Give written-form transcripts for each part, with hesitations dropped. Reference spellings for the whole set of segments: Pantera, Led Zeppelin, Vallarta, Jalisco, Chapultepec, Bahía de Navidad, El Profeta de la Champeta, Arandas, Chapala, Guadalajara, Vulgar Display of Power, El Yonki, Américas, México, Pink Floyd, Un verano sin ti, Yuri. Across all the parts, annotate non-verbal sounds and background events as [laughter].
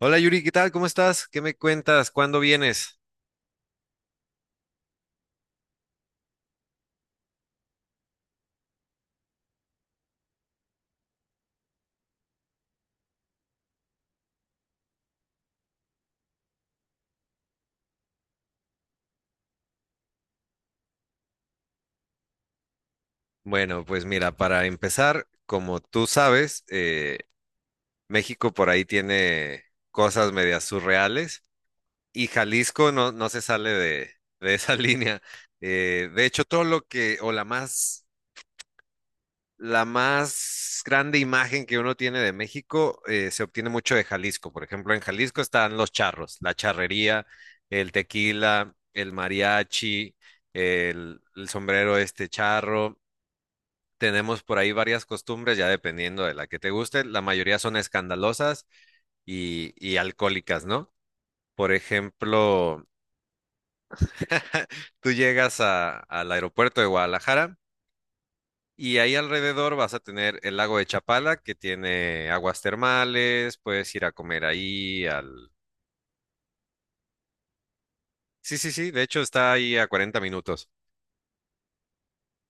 Hola Yuri, ¿qué tal? ¿Cómo estás? ¿Qué me cuentas? ¿Cuándo vienes? Bueno, pues mira, para empezar, como tú sabes, México por ahí tiene cosas medias surreales y Jalisco no se sale de esa [laughs] línea. De hecho, todo lo que, o la más grande imagen que uno tiene de México se obtiene mucho de Jalisco. Por ejemplo, en Jalisco están los charros, la charrería, el tequila, el mariachi, el sombrero este charro. Tenemos por ahí varias costumbres, ya dependiendo de la que te guste. La mayoría son escandalosas y alcohólicas, ¿no? Por ejemplo, [laughs] tú llegas al aeropuerto de Guadalajara y ahí alrededor vas a tener el lago de Chapala, que tiene aguas termales, puedes ir a comer ahí al... Sí, sí, sí, de hecho está ahí a 40 minutos.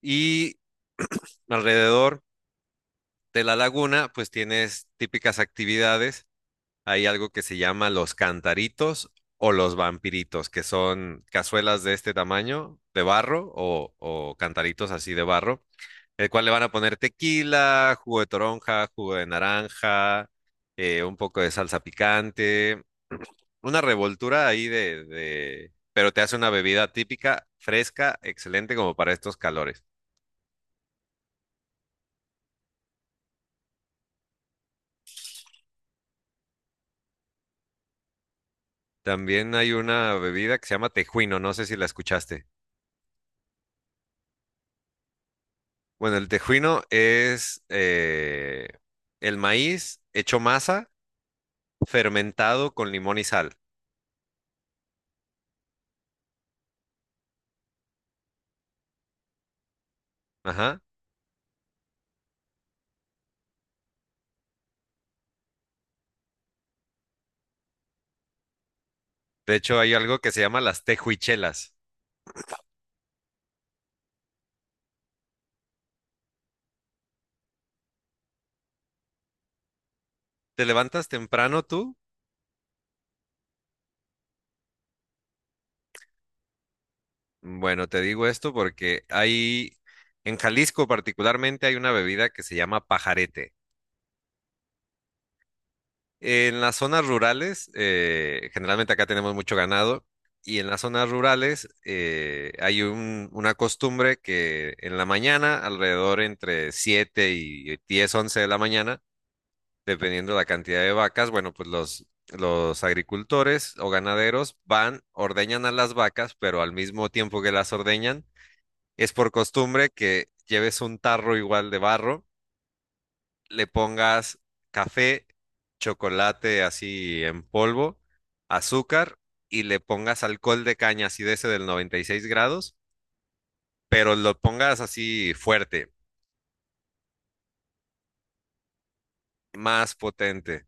Y [clears throat] alrededor de la laguna, pues tienes típicas actividades. Hay algo que se llama los cantaritos o los vampiritos, que son cazuelas de este tamaño, de barro o cantaritos así de barro, el cual le van a poner tequila, jugo de toronja, jugo de naranja, un poco de salsa picante, [clears throat] una revoltura ahí pero te hace una bebida típica, fresca, excelente como para estos calores. También hay una bebida que se llama tejuino, no sé si la escuchaste. Bueno, el tejuino es el maíz hecho masa, fermentado con limón y sal. Ajá. De hecho, hay algo que se llama las tejuichelas. ¿Te levantas temprano tú? Bueno, te digo esto porque hay, en Jalisco particularmente, hay una bebida que se llama pajarete. En las zonas rurales, generalmente acá tenemos mucho ganado, y en las zonas rurales una costumbre que en la mañana, alrededor entre 7 y 10, 11 de la mañana, dependiendo la cantidad de vacas, bueno, pues los agricultores o ganaderos van, ordeñan a las vacas, pero al mismo tiempo que las ordeñan, es por costumbre que lleves un tarro igual de barro, le pongas café, chocolate así en polvo, azúcar y le pongas alcohol de caña así de ese del 96 grados, pero lo pongas así fuerte, más potente.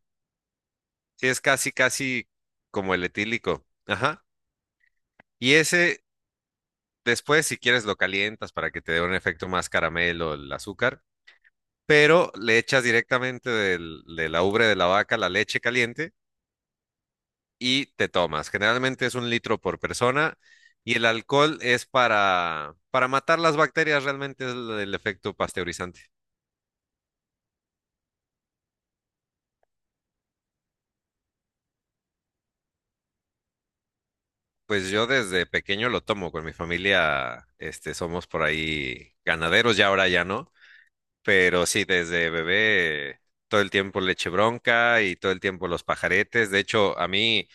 Sí, es casi, casi como el etílico. Ajá. Y ese, después, si quieres, lo calientas para que te dé un efecto más caramelo el azúcar, pero le echas directamente de la ubre de la vaca la leche caliente y te tomas. Generalmente es 1 litro por persona y el alcohol es para matar las bacterias, realmente es el efecto pasteurizante. Pues yo desde pequeño lo tomo con mi familia, este, somos por ahí ganaderos, ya ahora ya no, pero sí, desde bebé todo el tiempo leche bronca y todo el tiempo los pajaretes. De hecho, a mí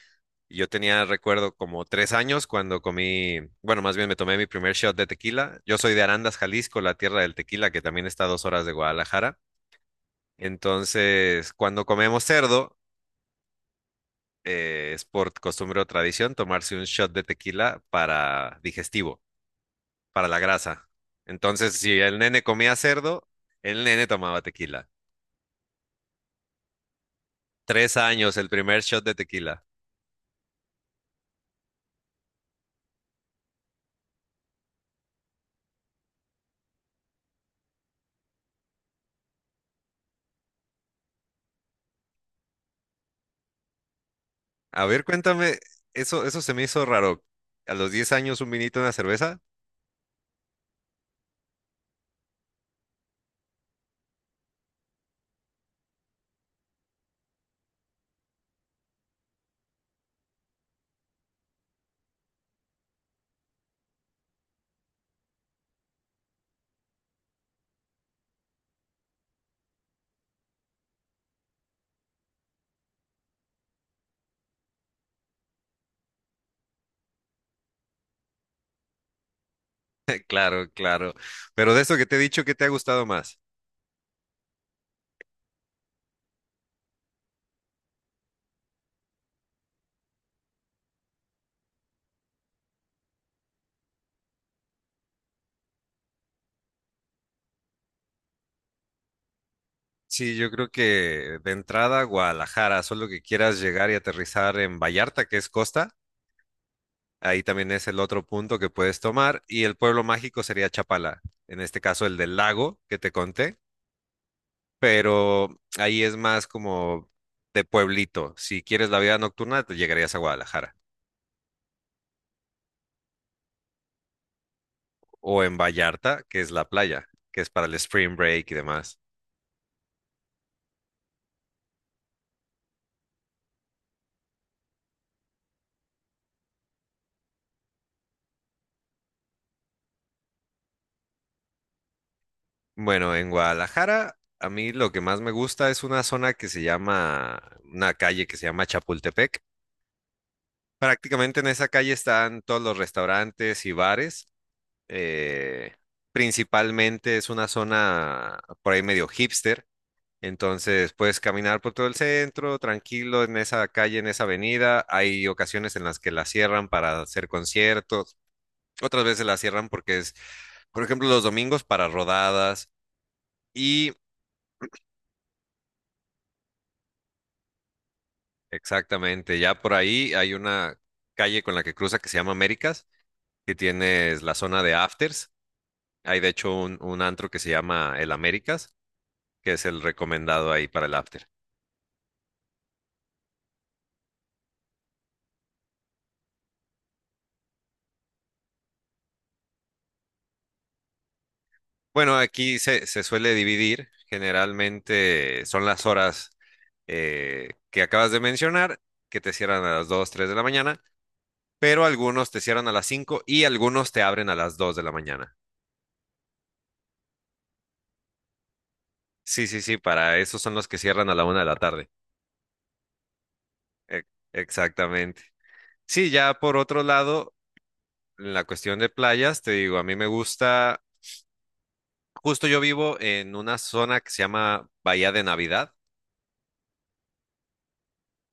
Y Yo tenía, recuerdo, como 3 años cuando comí, bueno, más bien me tomé mi primer shot de tequila. Yo soy de Arandas, Jalisco, la tierra del tequila, que también está a 2 horas de Guadalajara. Entonces, cuando comemos cerdo, es por costumbre o tradición tomarse un shot de tequila para digestivo, para la grasa. Entonces, si el nene comía cerdo, el nene tomaba tequila. 3 años, el primer shot de tequila. A ver, cuéntame, eso se me hizo raro. A los 10 años, un vinito, una cerveza. [laughs] Claro, claro. Pero de eso que te he dicho, ¿qué te ha gustado más? Sí, yo creo que de entrada Guadalajara, solo que quieras llegar y aterrizar en Vallarta, que es costa, ahí también es el otro punto que puedes tomar, y el pueblo mágico sería Chapala, en este caso el del lago que te conté, pero ahí es más como de pueblito. Si quieres la vida nocturna, te llegarías a Guadalajara, o en Vallarta, que es la playa, que es para el spring break y demás. Bueno, en Guadalajara, a mí lo que más me gusta es una zona que se llama, una calle que se llama Chapultepec. Prácticamente en esa calle están todos los restaurantes y bares. eh, Principalmente es una zona por ahí medio hipster. Entonces puedes caminar por todo el centro, tranquilo, en esa calle, en esa avenida. Hay ocasiones en las que la cierran para hacer conciertos, otras veces la cierran porque por ejemplo, los domingos para rodadas. Y exactamente, ya por ahí hay una calle con la que cruza que se llama Américas, que tienes la zona de afters. Hay de hecho un antro que se llama el Américas, que es el recomendado ahí para el after. Bueno, aquí se suele dividir, generalmente son las horas que acabas de mencionar, que te cierran a las 2 o 3 de la mañana, pero algunos te cierran a las 5 y algunos te abren a las 2 de la mañana. Sí, sí, sí, para esos son los que cierran a la 1 de la tarde. E- Exactamente. Sí, ya por otro lado, en la cuestión de playas, te digo, a mí me gusta, justo yo vivo en una zona que se llama Bahía de Navidad.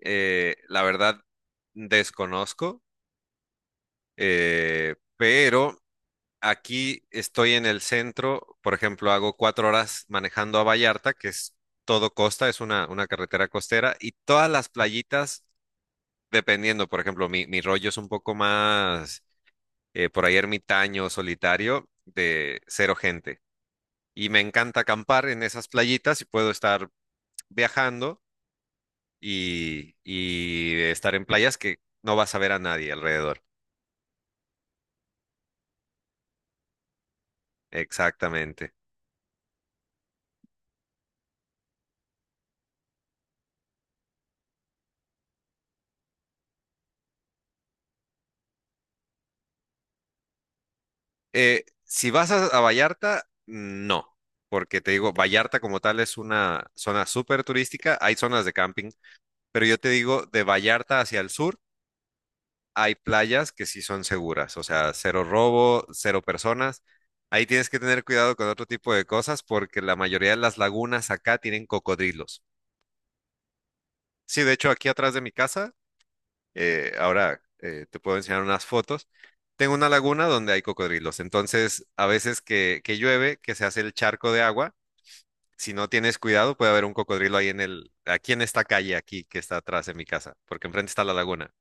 La verdad, desconozco, pero aquí estoy en el centro, por ejemplo, hago 4 horas manejando a Vallarta, que es todo costa, es una carretera costera, y todas las playitas, dependiendo, por ejemplo, mi rollo es un poco más, por ahí ermitaño, solitario, de cero gente. Y me encanta acampar en esas playitas y puedo estar viajando y estar en playas que no vas a ver a nadie alrededor. Exactamente. Si vas a Vallarta, no, porque te digo, Vallarta como tal es una zona súper turística, hay zonas de camping, pero yo te digo, de Vallarta hacia el sur hay playas que sí son seguras, o sea, cero robo, cero personas. Ahí tienes que tener cuidado con otro tipo de cosas porque la mayoría de las lagunas acá tienen cocodrilos. Sí, de hecho, aquí atrás de mi casa, ahora te puedo enseñar unas fotos. Tengo una laguna donde hay cocodrilos. Entonces, a veces que llueve, que se hace el charco de agua, si no tienes cuidado, puede haber un cocodrilo ahí en el, aquí en esta calle, aquí que está atrás de mi casa, porque enfrente está la laguna.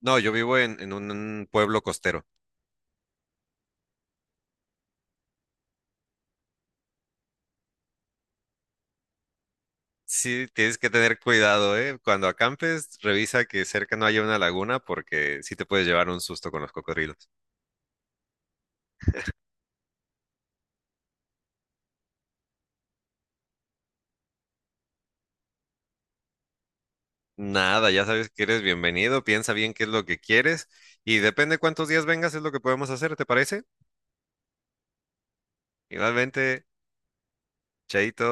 No, yo vivo en un pueblo costero. Sí, tienes que tener cuidado, ¿eh? Cuando acampes, revisa que cerca no haya una laguna, porque sí te puedes llevar un susto con los cocodrilos. Nada, ya sabes que eres bienvenido, piensa bien qué es lo que quieres y depende cuántos días vengas es lo que podemos hacer, ¿te parece? Igualmente, chaito.